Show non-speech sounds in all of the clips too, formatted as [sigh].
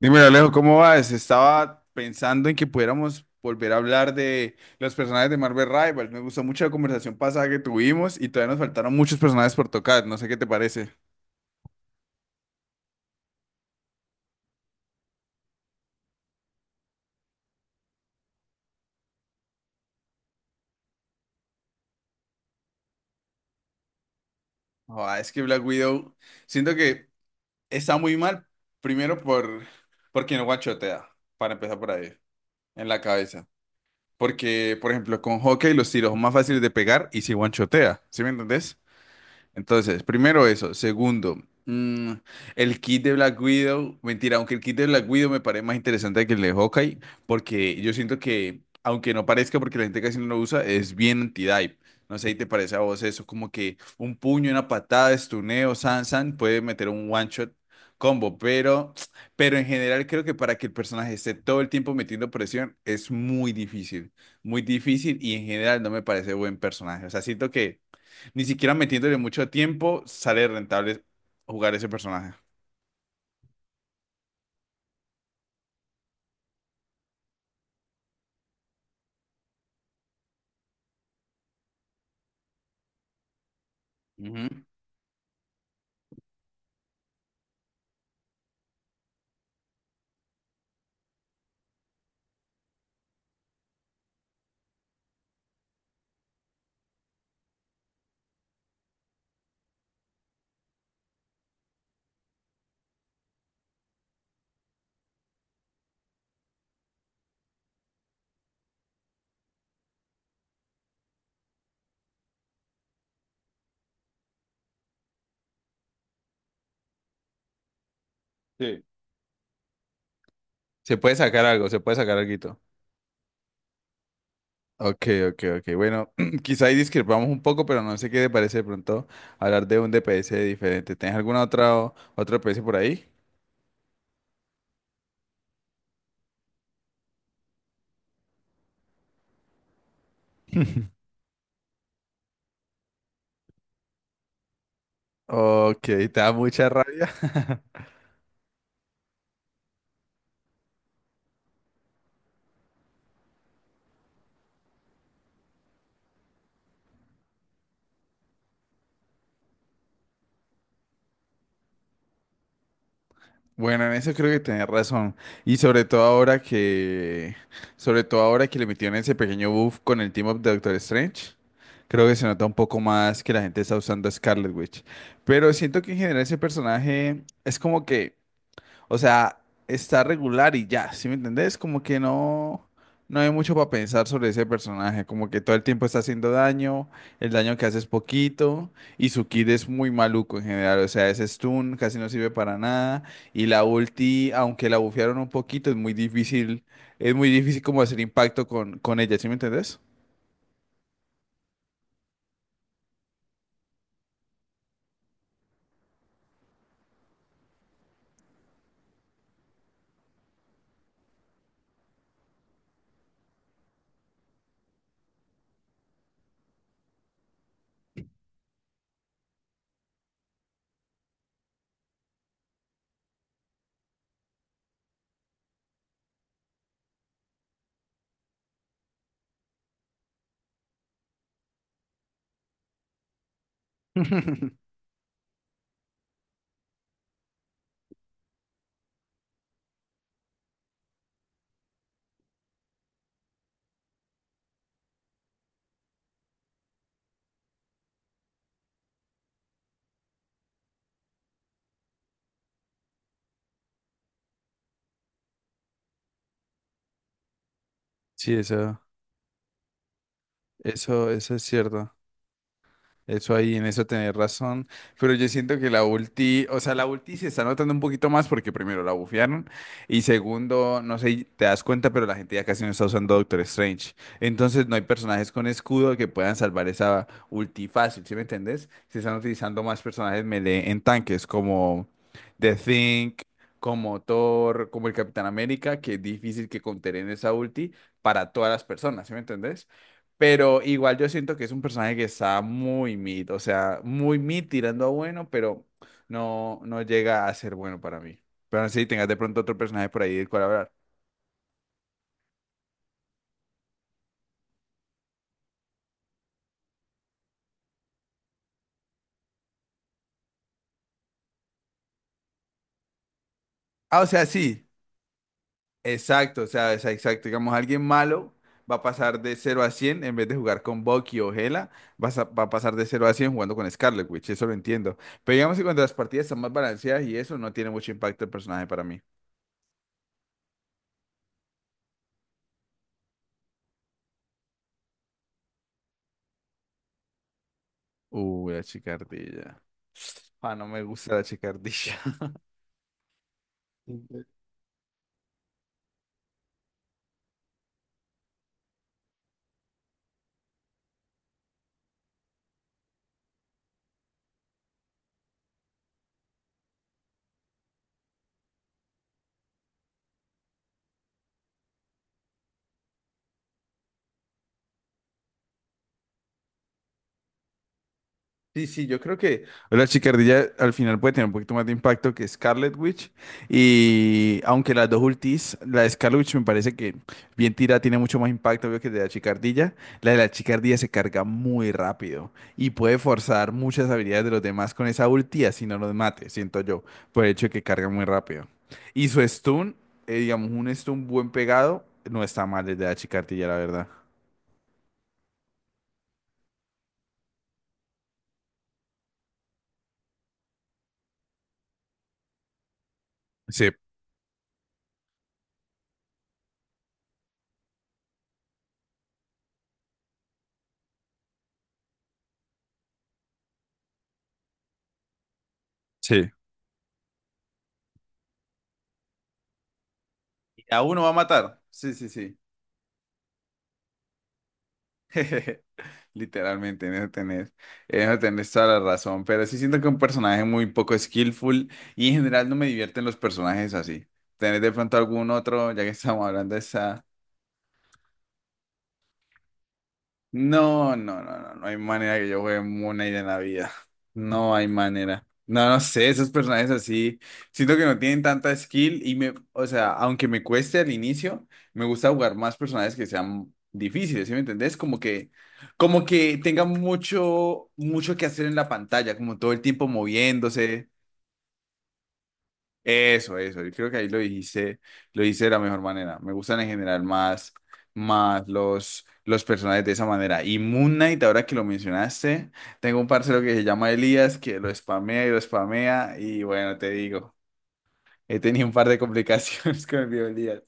Dímelo, Alejo, ¿cómo vas? Estaba pensando en que pudiéramos volver a hablar de los personajes de Marvel Rivals. Me gustó mucho la conversación pasada que tuvimos y todavía nos faltaron muchos personajes por tocar. No sé qué te parece. Ah, es que Black Widow, siento que está muy mal, primero porque no guachotea, para empezar por ahí, en la cabeza. Porque, por ejemplo, con Hawkeye los tiros son más fáciles de pegar y si guanchotea, ¿sí me entendés? Entonces, primero eso. Segundo, mm, el kit de Black Widow. Mentira, aunque el kit de Black Widow me parece más interesante que el de Hawkeye, porque yo siento que, aunque no parezca porque la gente casi no lo usa, es bien anti-dive. No sé si te parece a vos eso, como que un puño, una patada, estuneo, san, san, puede meter un one shot combo, pero en general creo que para que el personaje esté todo el tiempo metiendo presión es muy difícil y en general no me parece buen personaje. O sea, siento que ni siquiera metiéndole mucho tiempo sale rentable jugar ese personaje. Ujú. Sí. Se puede sacar algo, se puede sacar algo. Ok, ok, ok. Bueno, [clears throat] quizá ahí discrepamos un poco, pero no sé qué te parece de pronto hablar de un DPS diferente. ¿Tienes alguna otra otro DPS por ahí? Ok, te da mucha rabia. [laughs] Bueno, en eso creo que tenés razón. Y sobre todo ahora que le metieron ese pequeño buff con el team up de Doctor Strange, creo que se nota un poco más que la gente está usando a Scarlet Witch. Pero siento que en general ese personaje es como que o sea, está regular y ya, ¿sí me entendés? Como que no, no hay mucho para pensar sobre ese personaje, como que todo el tiempo está haciendo daño, el daño que hace es poquito, y su kit es muy maluco en general, o sea, ese stun casi no sirve para nada, y la ulti, aunque la bufearon un poquito, es muy difícil como hacer impacto con ella, ¿sí me entendés? [laughs] Sí, eso es cierto. Eso ahí, en eso tenés razón. Pero yo siento que la ulti, o sea, la ulti se está notando un poquito más porque primero la bufearon y segundo, no sé, te das cuenta, pero la gente ya casi no está usando Doctor Strange. Entonces no hay personajes con escudo que puedan salvar esa ulti fácil, ¿sí me entendés? Se están utilizando más personajes melee en tanques como The Thing, como Thor, como el Capitán América, que es difícil que conteren esa ulti para todas las personas, ¿sí me entendés? Pero igual yo siento que es un personaje que está muy mid, o sea, muy mid tirando a bueno, pero no llega a ser bueno para mí. Pero si tengas de pronto otro personaje por ahí del cual hablar. Ah, o sea, sí, exacto, o sea, es exacto. Digamos, alguien malo va a pasar de cero a 100 en vez de jugar con Bucky o Hela, va a pasar de cero a 100 jugando con Scarlet Witch, eso lo entiendo. Pero digamos que cuando las partidas están más balanceadas y eso, no tiene mucho impacto el personaje para mí. La chicardilla. Ah, no me gusta la chicardilla. [laughs] Sí, sí, yo creo que la Chicardilla al final puede tener un poquito más de impacto que Scarlet Witch. Y aunque las dos ultis, la de Scarlet Witch me parece que bien tira, tiene mucho más impacto obvio, que de la Chicardilla. La de la Chicardilla se carga muy rápido y puede forzar muchas habilidades de los demás con esa ulti, así no los mate, siento yo, por el hecho de que carga muy rápido. Y su stun, digamos, un stun buen pegado, no está mal desde la Chicardilla, la verdad. Sí, sí. Y a uno va a matar. Sí, sí, sí. [laughs] Literalmente, en eso tenés toda la razón, pero sí siento que un personaje muy poco skillful y en general no me divierten los personajes así. ¿Tenés de pronto algún otro, ya que estamos hablando de esa? No, no, no, no, no hay manera que yo juegue Moon Knight en la vida. No hay manera. No, no sé, esos personajes así, siento que no tienen tanta skill y o sea, aunque me cueste al inicio, me gusta jugar más personajes que sean difíciles, ¿sí me entendés? Como que tengan mucho, mucho que hacer en la pantalla, como todo el tiempo moviéndose. Eso, eso. Yo creo que ahí lo dijiste, lo hice de la mejor manera. Me gustan en general más los personajes de esa manera. Y Moon Knight, ahora que lo mencionaste, tengo un parcero que se llama Elías, que lo spamea. Y bueno, te digo, he tenido un par de complicaciones [laughs] con el video Elías.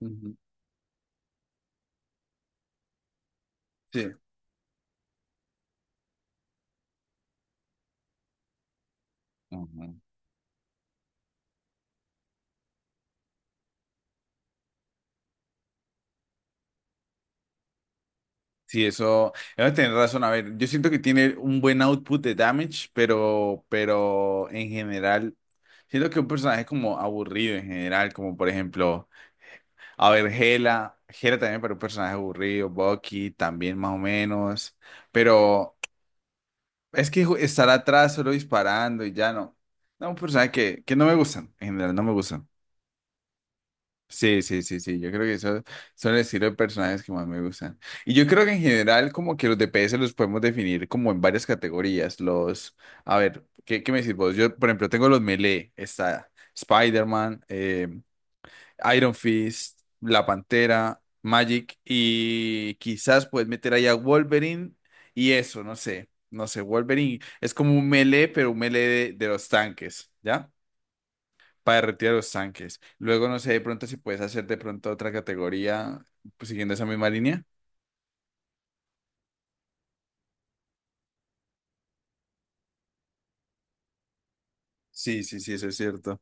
Ujú. Sí. Ujú. Sí, eso tenés razón. A ver, yo siento que tiene un buen output de damage, pero en general, siento que un personaje como aburrido en general, como por ejemplo. A ver, Gela también para un personaje aburrido, Bucky también más o menos, pero es que estar atrás solo disparando y ya no. No, un personaje que no me gustan, en general no me gustan. Sí, sí, sí, sí, yo creo que esos son el estilo de personajes que más me gustan. Y yo creo que en general como que los DPS los podemos definir como en varias categorías. Los, a ver, ¿qué me decís vos? Yo, por ejemplo, tengo los melee, está Spider-Man, Iron Fist, La Pantera, Magic y quizás puedes meter ahí a Wolverine y eso, no sé, no sé, Wolverine es como un melee, pero un melee de los tanques, ¿ya? Para derretir a los tanques. Luego, no sé, de pronto si puedes hacer de pronto otra categoría pues, siguiendo esa misma línea. Sí, sí, sí, eso es cierto.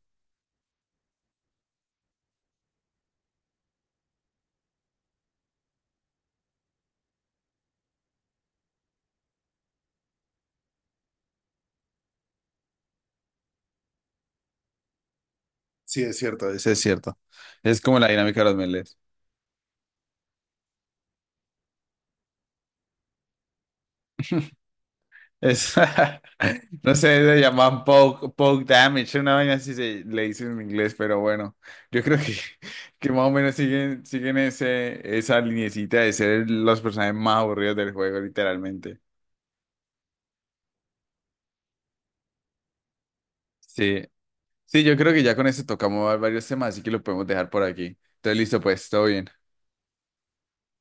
Sí, es cierto, eso es cierto. Es como la dinámica de los melees. Es, [laughs] no sé, le llaman poke damage, una vaina así se le dice en inglés, pero bueno, yo creo que, [laughs] que más o menos siguen ese, esa linecita de ser los personajes más aburridos del juego, literalmente. Sí, sí, yo creo que ya con eso tocamos varios temas, así que lo podemos dejar por aquí. Entonces, listo, pues, todo bien.